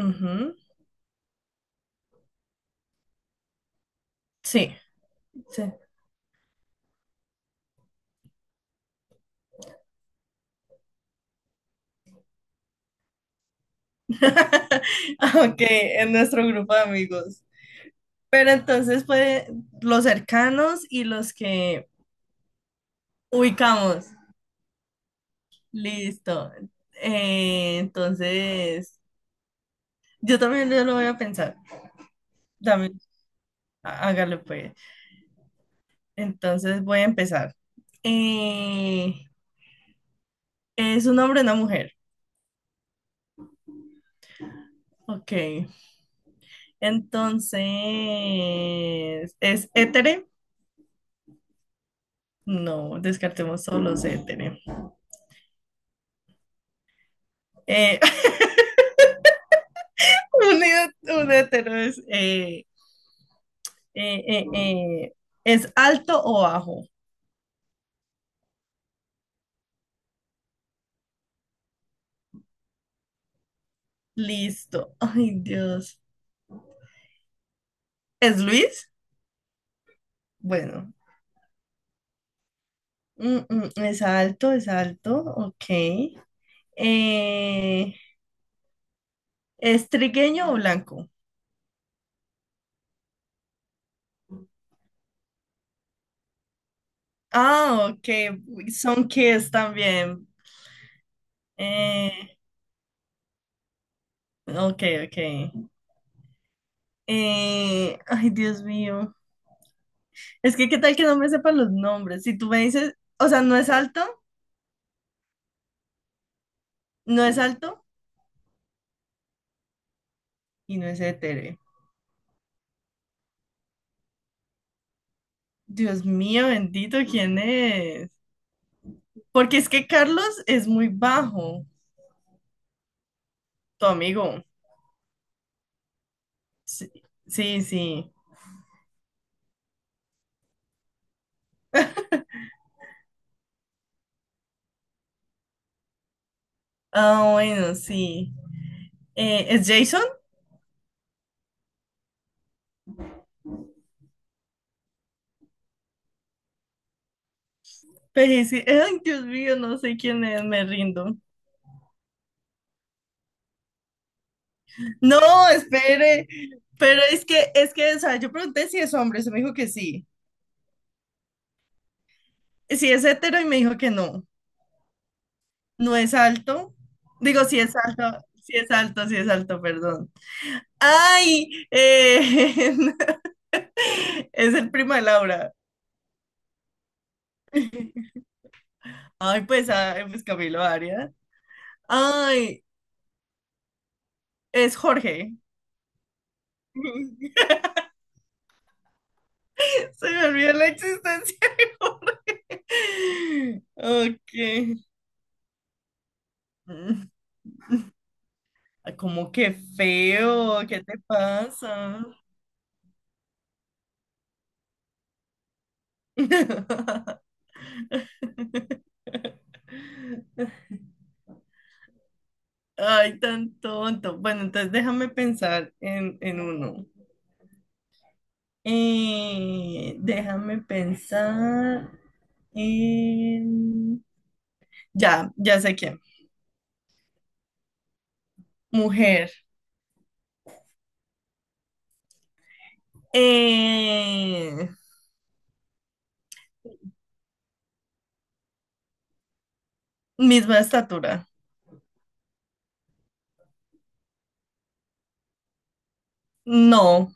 Ujú, sí, sí. Ok, en nuestro grupo de amigos. Pero entonces, pues, los cercanos y los que ubicamos. Listo. Entonces, yo también, yo lo voy a pensar. También, hágale pues. Entonces, voy a empezar. Eh, ¿Es un hombre o una mujer? Ok. Entonces, ¿es hétero? No, descartemos solo los héteros. Eh, Unido un hétero eseh, eh, eh, ¿es alto o bajo? Listo. Ay, Dios. ¿Es Luis? Bueno, es alto, es alto. Ok. Eh, ¿Es trigueño o blanco? Ah, ok. Son kids también. Eh, ok, ok. Ay, Dios mío. Es que, ¿qué tal que no me sepan los nombres? Si tú me dices, o sea, no es alto, no es alto y no es hetero. Dios mío, bendito, ¿quién es? Porque es que Carlos es muy bajo, tu amigo. Sí, sí. Ah, bueno, sí. ¿Es Jason? Pero ay, Dios mío, no sé quién es, me rindo. No, espere. Pero es que, o sea, yo pregunté si es hombre, se me dijo que sí. Si es hetero y me dijo que no. No es alto. Digo, si es alto, si es alto, si es alto, perdón. Ay, es el primo de Laura. Ay, pues, ah, pues Camilo Arias. Ay, es Jorge. Se me olvidó la existencia de Jorge. Ok. Mm, ah, que feo, ¿qué te pasa? Ay, tan tonto. Bueno, entonces déjame pensar en uno. Déjame pensar en... Ya, ya sé quién. Mujer. Eh, Misma estatura. No.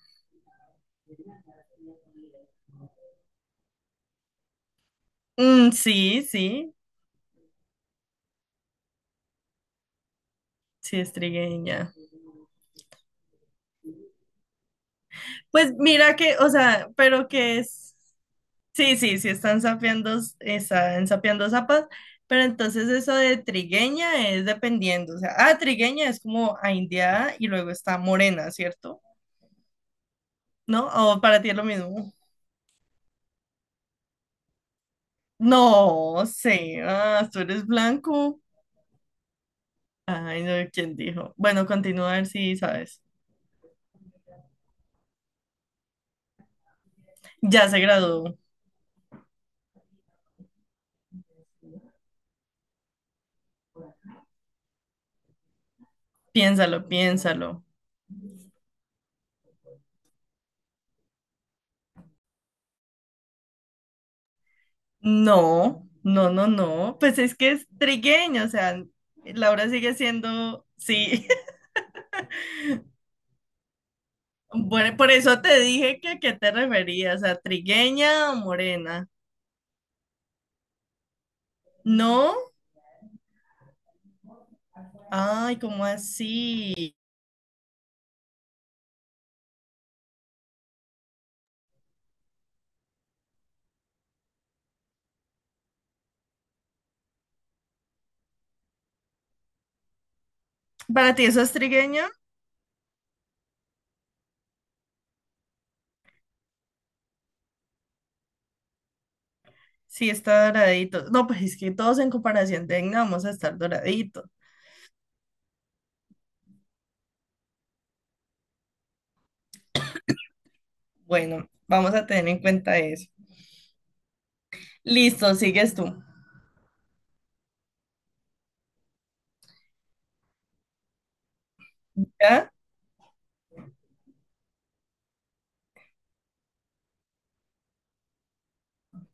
Mm, sí, sí, sí es trigueña. Pues mira que, o sea, pero que es, sí, sí, sí están sapeando zapas, pero entonces eso de trigueña es dependiendo, o sea, ah, trigueña es como a indiada y luego está morena, ¿cierto? ¿No? ¿O para ti es lo mismo? No sé, ah, tú eres blanco. Ay, no, ¿quién dijo? Bueno, continúa a ver si sabes. Ya se graduó. Piénsalo, piénsalo. No, no, no, no. Pues es que es trigueño, o sea, Laura sigue siendo, sí. Bueno, por eso te dije que a qué te referías, a trigueña o morena. No, ay, ¿cómo así? ¿Para ti eso es trigueño? Sí, está doradito. No, pues es que todos en comparación tenga, vamos a estar doraditos. Bueno, vamos a tener en cuenta eso. Listo, sigues tú. ¿Ya?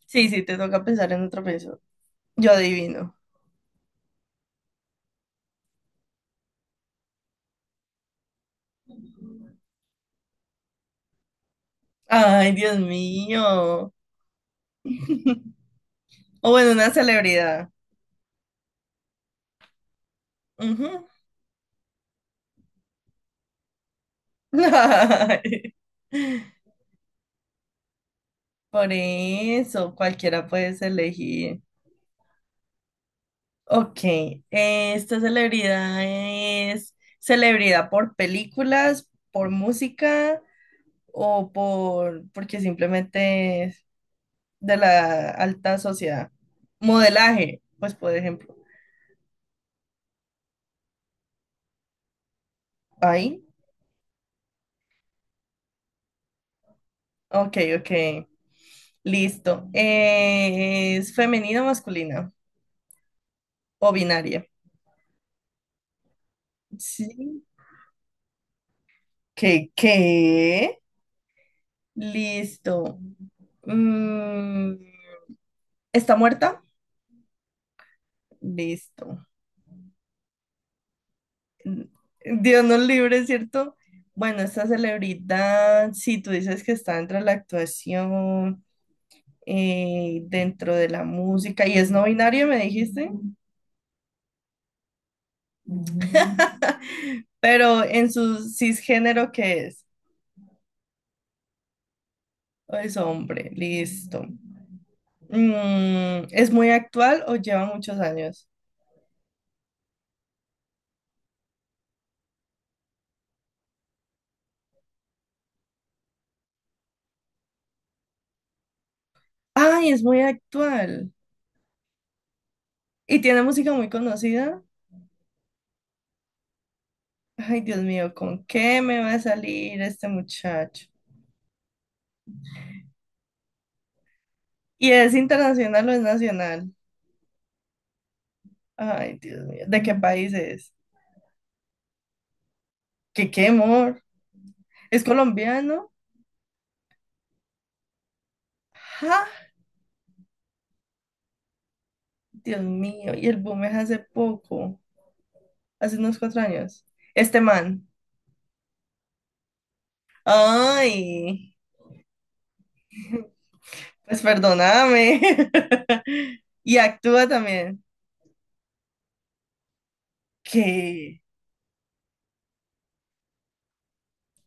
Sí, sí, te toca pensar en otro peso. Yo adivino. Ay, Dios mío. O bueno, una celebridad. Ujú. Ay. Por eso, cualquiera puedes elegir. Ok, esta celebridad es celebridad por películas, por música o porque simplemente es de la alta sociedad. Modelaje, pues por ejemplo. Ahí. Ok, ok. Listo. ¿Es femenina o masculina o binaria? Sí. ¿Qué? ¿Qué? Listo. Mm, ¿está muerta? Listo. Mm, Dios nos libre, ¿cierto? Bueno, esta celebridad, si tú dices que está dentro de la actuación, dentro de la música, y es no binario, me dijiste, pero en su cisgénero, ¿qué es? O es hombre, listo. Mm, ¿es muy actual o lleva muchos años? Ay, es muy actual. Y tiene música muy conocida. Ay, Dios mío, ¿con qué me va a salir este muchacho? ¿Y es internacional o es nacional? Ay, Dios mío, ¿de qué país es? ¿Qué, qué amor? ¿Es colombiano? ¡Ja! Dios mío, y el boom es hace poco, hace unos 4 años. Este man. Ay, pues perdóname. Y actúa también. ¿Qué?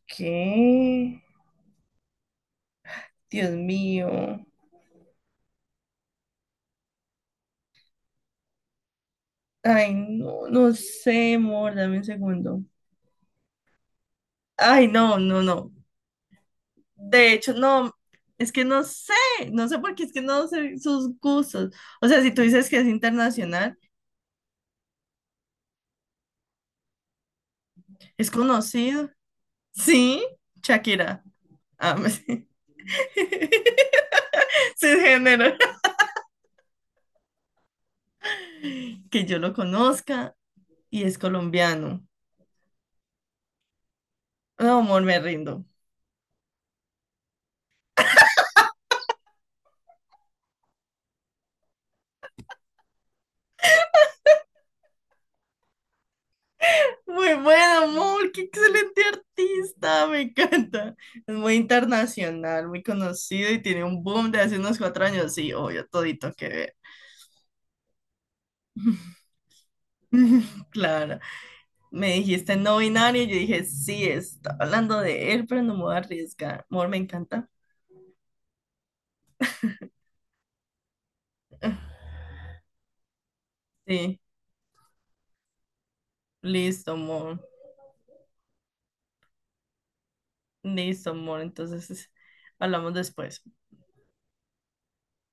¿Qué? Dios mío. Ay, no, no sé, amor, dame un segundo. Ay, no, no, no. De hecho, no, es que no sé, no sé por qué es que no sé sus gustos. O sea, si tú dices que es internacional, es conocido. Sí, Shakira. Ah, sí. Cisgénero. Que yo lo conozca y es colombiano. No, amor, me rindo. Muy buen amor, qué excelente artista, me encanta. Es muy internacional, muy conocido y tiene un boom de hace unos cuatro años. Sí, obvio, todito que ver. Claro, me dijiste no binario, yo dije sí, está hablando de él, pero no me voy a arriesgar. Amor, me encanta. Sí, listo, amor. Listo, amor. Entonces, hablamos después.